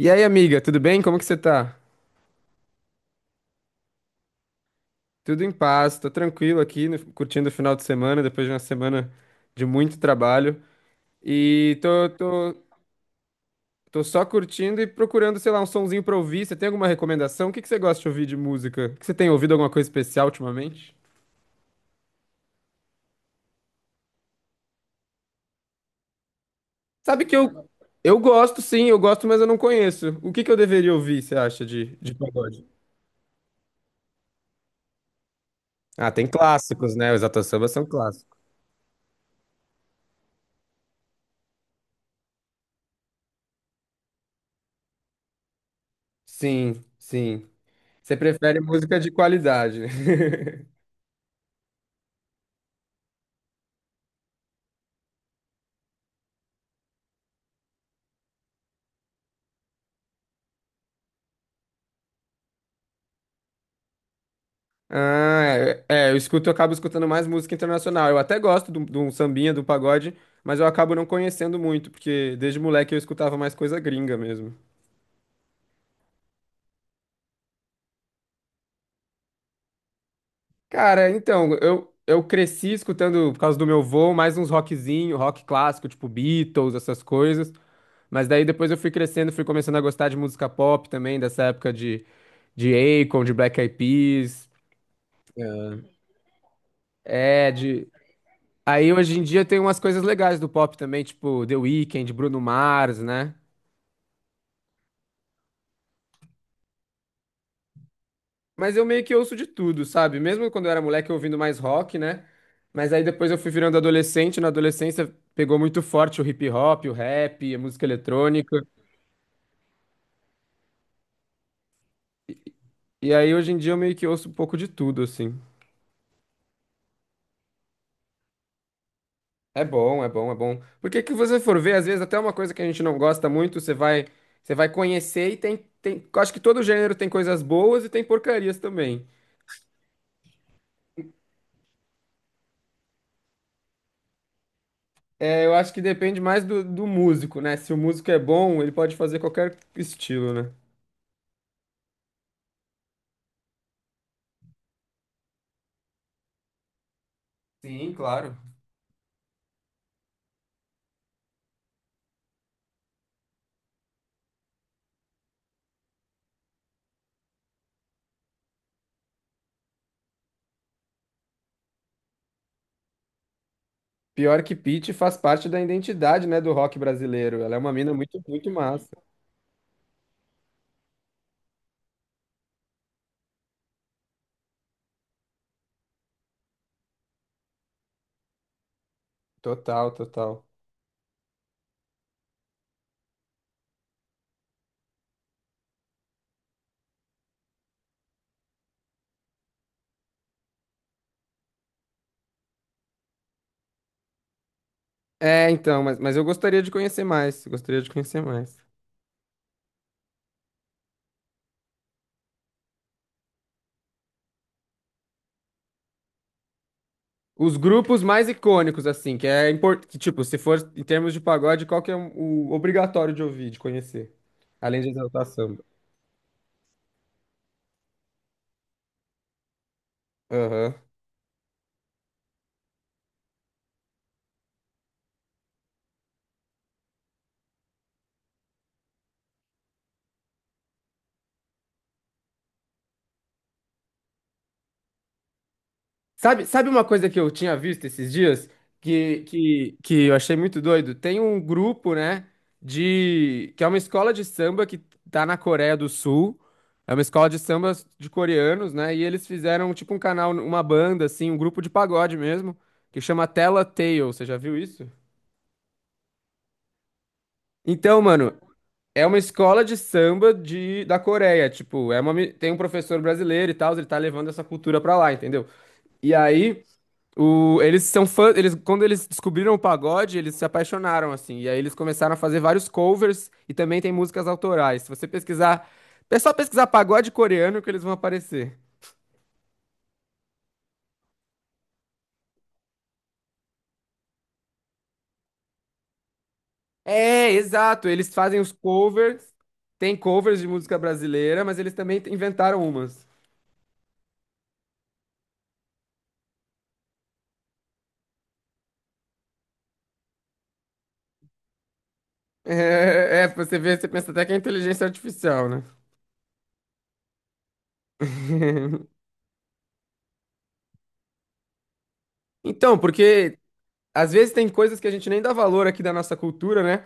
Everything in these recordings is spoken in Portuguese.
E aí, amiga, tudo bem? Como que você tá? Tudo em paz, tô tranquilo aqui, curtindo o final de semana, depois de uma semana de muito trabalho. E tô só curtindo e procurando, sei lá, um sonzinho pra ouvir. Você tem alguma recomendação? O que que você gosta de ouvir de música? O que você tem ouvido alguma coisa especial ultimamente? Sabe que eu gosto, sim, eu gosto, mas eu não conheço. O que que eu deveria ouvir, você acha, de pagode? Ah, tem clássicos, né? Os Exalta Samba são clássicos. Sim, sim. Você prefere música de qualidade, né? Ah, é, eu escuto, eu acabo escutando mais música internacional. Eu até gosto de um sambinha, do pagode, mas eu acabo não conhecendo muito, porque desde moleque eu escutava mais coisa gringa mesmo. Cara, então, eu cresci escutando, por causa do meu vô, mais uns rockzinho, rock clássico, tipo Beatles, essas coisas. Mas daí depois eu fui crescendo, fui começando a gostar de música pop também, dessa época de Akon, de Black Eyed Peas. É. É, de... Aí hoje em dia tem umas coisas legais do pop também, tipo The Weeknd, Bruno Mars, né? Mas eu meio que ouço de tudo, sabe? Mesmo quando eu era moleque, eu ouvindo mais rock, né? Mas aí depois eu fui virando adolescente. Na adolescência pegou muito forte o hip hop, o rap, a música eletrônica. E aí hoje em dia eu meio que ouço um pouco de tudo, assim. É bom, é bom, é bom. Porque que você for ver, às vezes até uma coisa que a gente não gosta muito, você vai conhecer e tem, tem. Acho que todo gênero tem coisas boas e tem porcarias também. É, eu acho que depende mais do músico, né? Se o músico é bom, ele pode fazer qualquer estilo, né? Sim, claro. Pior que Pitty faz parte da identidade, né, do rock brasileiro. Ela é uma mina muito, muito massa. Total, total. É, então, mas eu gostaria de conhecer mais. Gostaria de conhecer mais. Os grupos mais icônicos, assim, que é importante. Tipo, se for em termos de pagode, qual que é o obrigatório de ouvir, de conhecer? Além de Exalta Samba. Aham. Sabe, sabe uma coisa que eu tinha visto esses dias que, que eu achei muito doido? Tem um grupo, né, de que é uma escola de samba que tá na Coreia do Sul. É uma escola de samba de coreanos, né? E eles fizeram tipo um canal, uma banda assim, um grupo de pagode mesmo, que chama Tela Tale. Você já viu isso? Então, mano, é uma escola de samba da Coreia, tipo, é uma, tem um professor brasileiro e tal, ele tá levando essa cultura pra lá, entendeu? E aí o, eles são fãs, eles, quando eles descobriram o pagode, eles se apaixonaram, assim, e aí eles começaram a fazer vários covers e também tem músicas autorais. Se você pesquisar, é só pesquisar pagode coreano que eles vão aparecer. É, exato, eles fazem os covers, tem covers de música brasileira, mas eles também inventaram umas. É, é, você vê, você pensa até que é inteligência artificial, né? Então, porque às vezes tem coisas que a gente nem dá valor aqui da nossa cultura, né?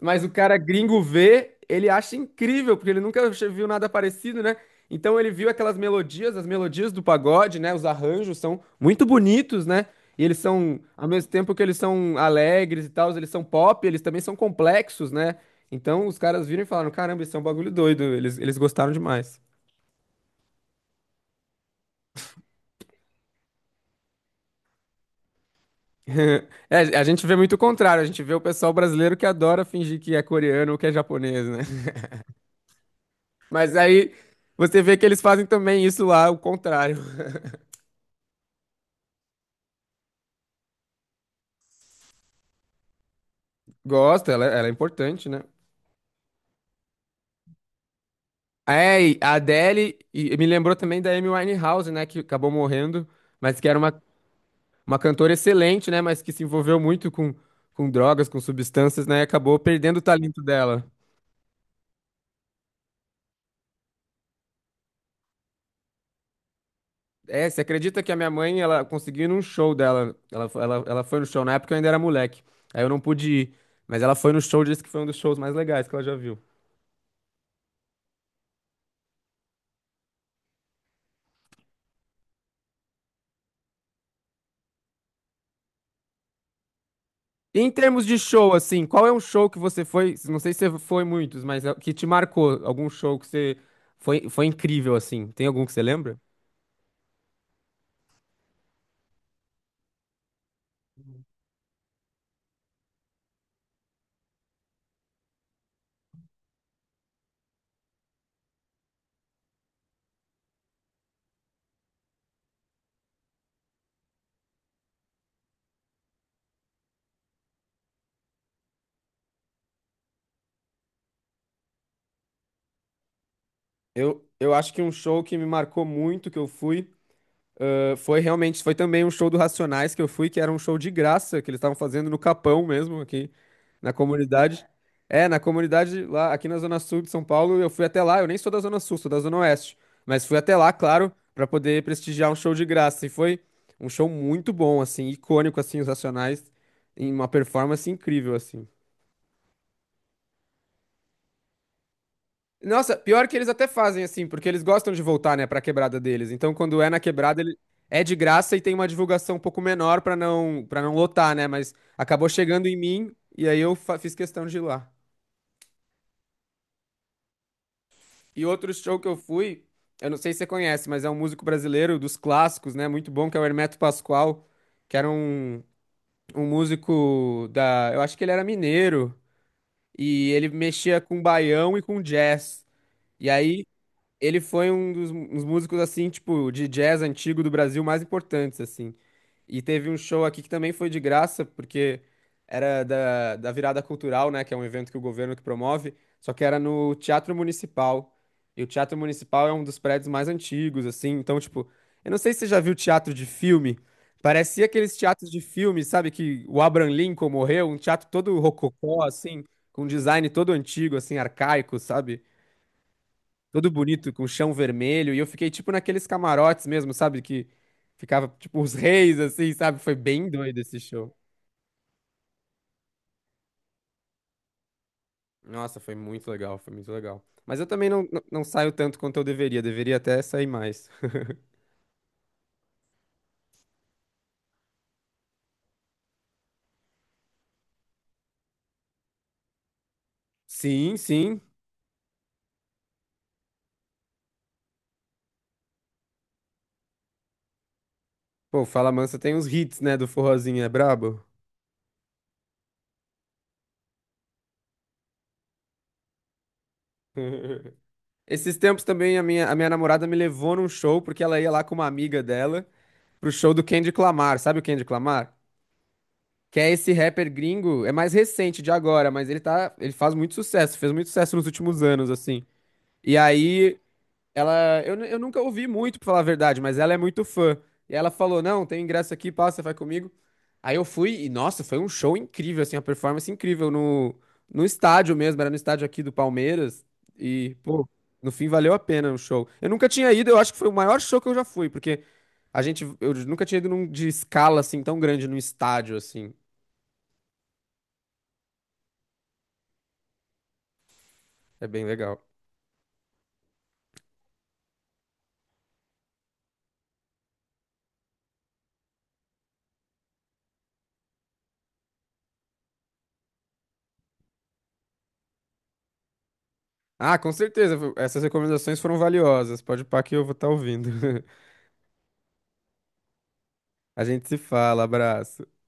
Mas o cara gringo vê, ele acha incrível, porque ele nunca viu nada parecido, né? Então ele viu aquelas melodias, as melodias do pagode, né? Os arranjos são muito bonitos, né? E eles são, ao mesmo tempo que eles são alegres e tal, eles são pop, eles também são complexos, né? Então os caras viram e falaram: caramba, isso é um bagulho doido, eles gostaram demais. É, a gente vê muito o contrário, a gente vê o pessoal brasileiro que adora fingir que é coreano ou que é japonês, né? Mas aí você vê que eles fazem também isso lá, o contrário. Gosta, ela é importante, né? É, e a Adele, e me lembrou também da Amy Winehouse, né, que acabou morrendo, mas que era uma cantora excelente, né, mas que se envolveu muito com drogas, com substâncias, né, e acabou perdendo o talento dela. É, você acredita que a minha mãe, ela conseguiu ir num show dela, ela, ela foi no show, na época eu ainda era moleque, aí eu não pude ir, mas ela foi no show, disse que foi um dos shows mais legais que ela já viu. E em termos de show, assim, qual é um show que você foi? Não sei se você foi muitos, mas que te marcou? Algum show que você foi, foi incrível, assim? Tem algum que você lembra? Eu acho que um show que me marcou muito, que eu fui. Ah, foi realmente, foi também um show do Racionais que eu fui, que era um show de graça, que eles estavam fazendo no Capão mesmo, aqui na comunidade. É, na comunidade lá, aqui na Zona Sul de São Paulo, eu fui até lá, eu nem sou da Zona Sul, sou da Zona Oeste, mas fui até lá, claro, pra poder prestigiar um show de graça. E foi um show muito bom, assim, icônico, assim, os Racionais, em uma performance incrível, assim. Nossa, pior que eles até fazem assim, porque eles gostam de voltar, né, pra quebrada deles. Então, quando é na quebrada, ele é de graça e tem uma divulgação um pouco menor pra não para não lotar, né? Mas acabou chegando em mim e aí eu fiz questão de ir lá. E outro show que eu fui, eu não sei se você conhece, mas é um músico brasileiro dos clássicos, né? Muito bom, que é o Hermeto Pascoal, que era um, um músico da, eu acho que ele era mineiro e ele mexia com baião e com jazz. E aí ele foi um dos músicos, assim, tipo, de jazz antigo do Brasil mais importantes, assim. E teve um show aqui que também foi de graça, porque era da Virada Cultural, né? Que é um evento que o governo que promove, só que era no Teatro Municipal. E o Teatro Municipal é um dos prédios mais antigos, assim. Então, tipo, eu não sei se você já viu teatro de filme. Parecia aqueles teatros de filme, sabe? Que o Abraham Lincoln morreu, um teatro todo rococó, assim, com um design todo antigo, assim, arcaico, sabe? Todo bonito, com chão vermelho, e eu fiquei tipo naqueles camarotes mesmo, sabe? Que ficava tipo os reis, assim, sabe? Foi bem doido esse show. Nossa, foi muito legal, foi muito legal. Mas eu também não, não saio tanto quanto eu deveria, deveria até sair mais. Sim, sim. Pô, Fala Mansa tem uns hits, né, do forrozinho, é brabo? Esses tempos também a minha namorada me levou num show, porque ela ia lá com uma amiga dela, pro show do Kendrick Lamar, sabe o Kendrick Lamar? Que é esse rapper gringo, é mais recente de agora, mas ele tá, ele faz muito sucesso, fez muito sucesso nos últimos anos, assim. E aí, ela, eu, nunca ouvi muito, pra falar a verdade, mas ela é muito fã. E ela falou: "Não, tem ingresso aqui, passa, vai comigo". Aí eu fui e nossa, foi um show incrível, assim, uma performance incrível no estádio mesmo, era no estádio aqui do Palmeiras e, pô, no fim valeu a pena o show. Eu nunca tinha ido, eu acho que foi o maior show que eu já fui, porque a gente eu nunca tinha ido num de escala assim tão grande num estádio assim. É bem legal. Ah, com certeza. Essas recomendações foram valiosas. Pode pá que eu vou estar ouvindo. A gente se fala. Abraço.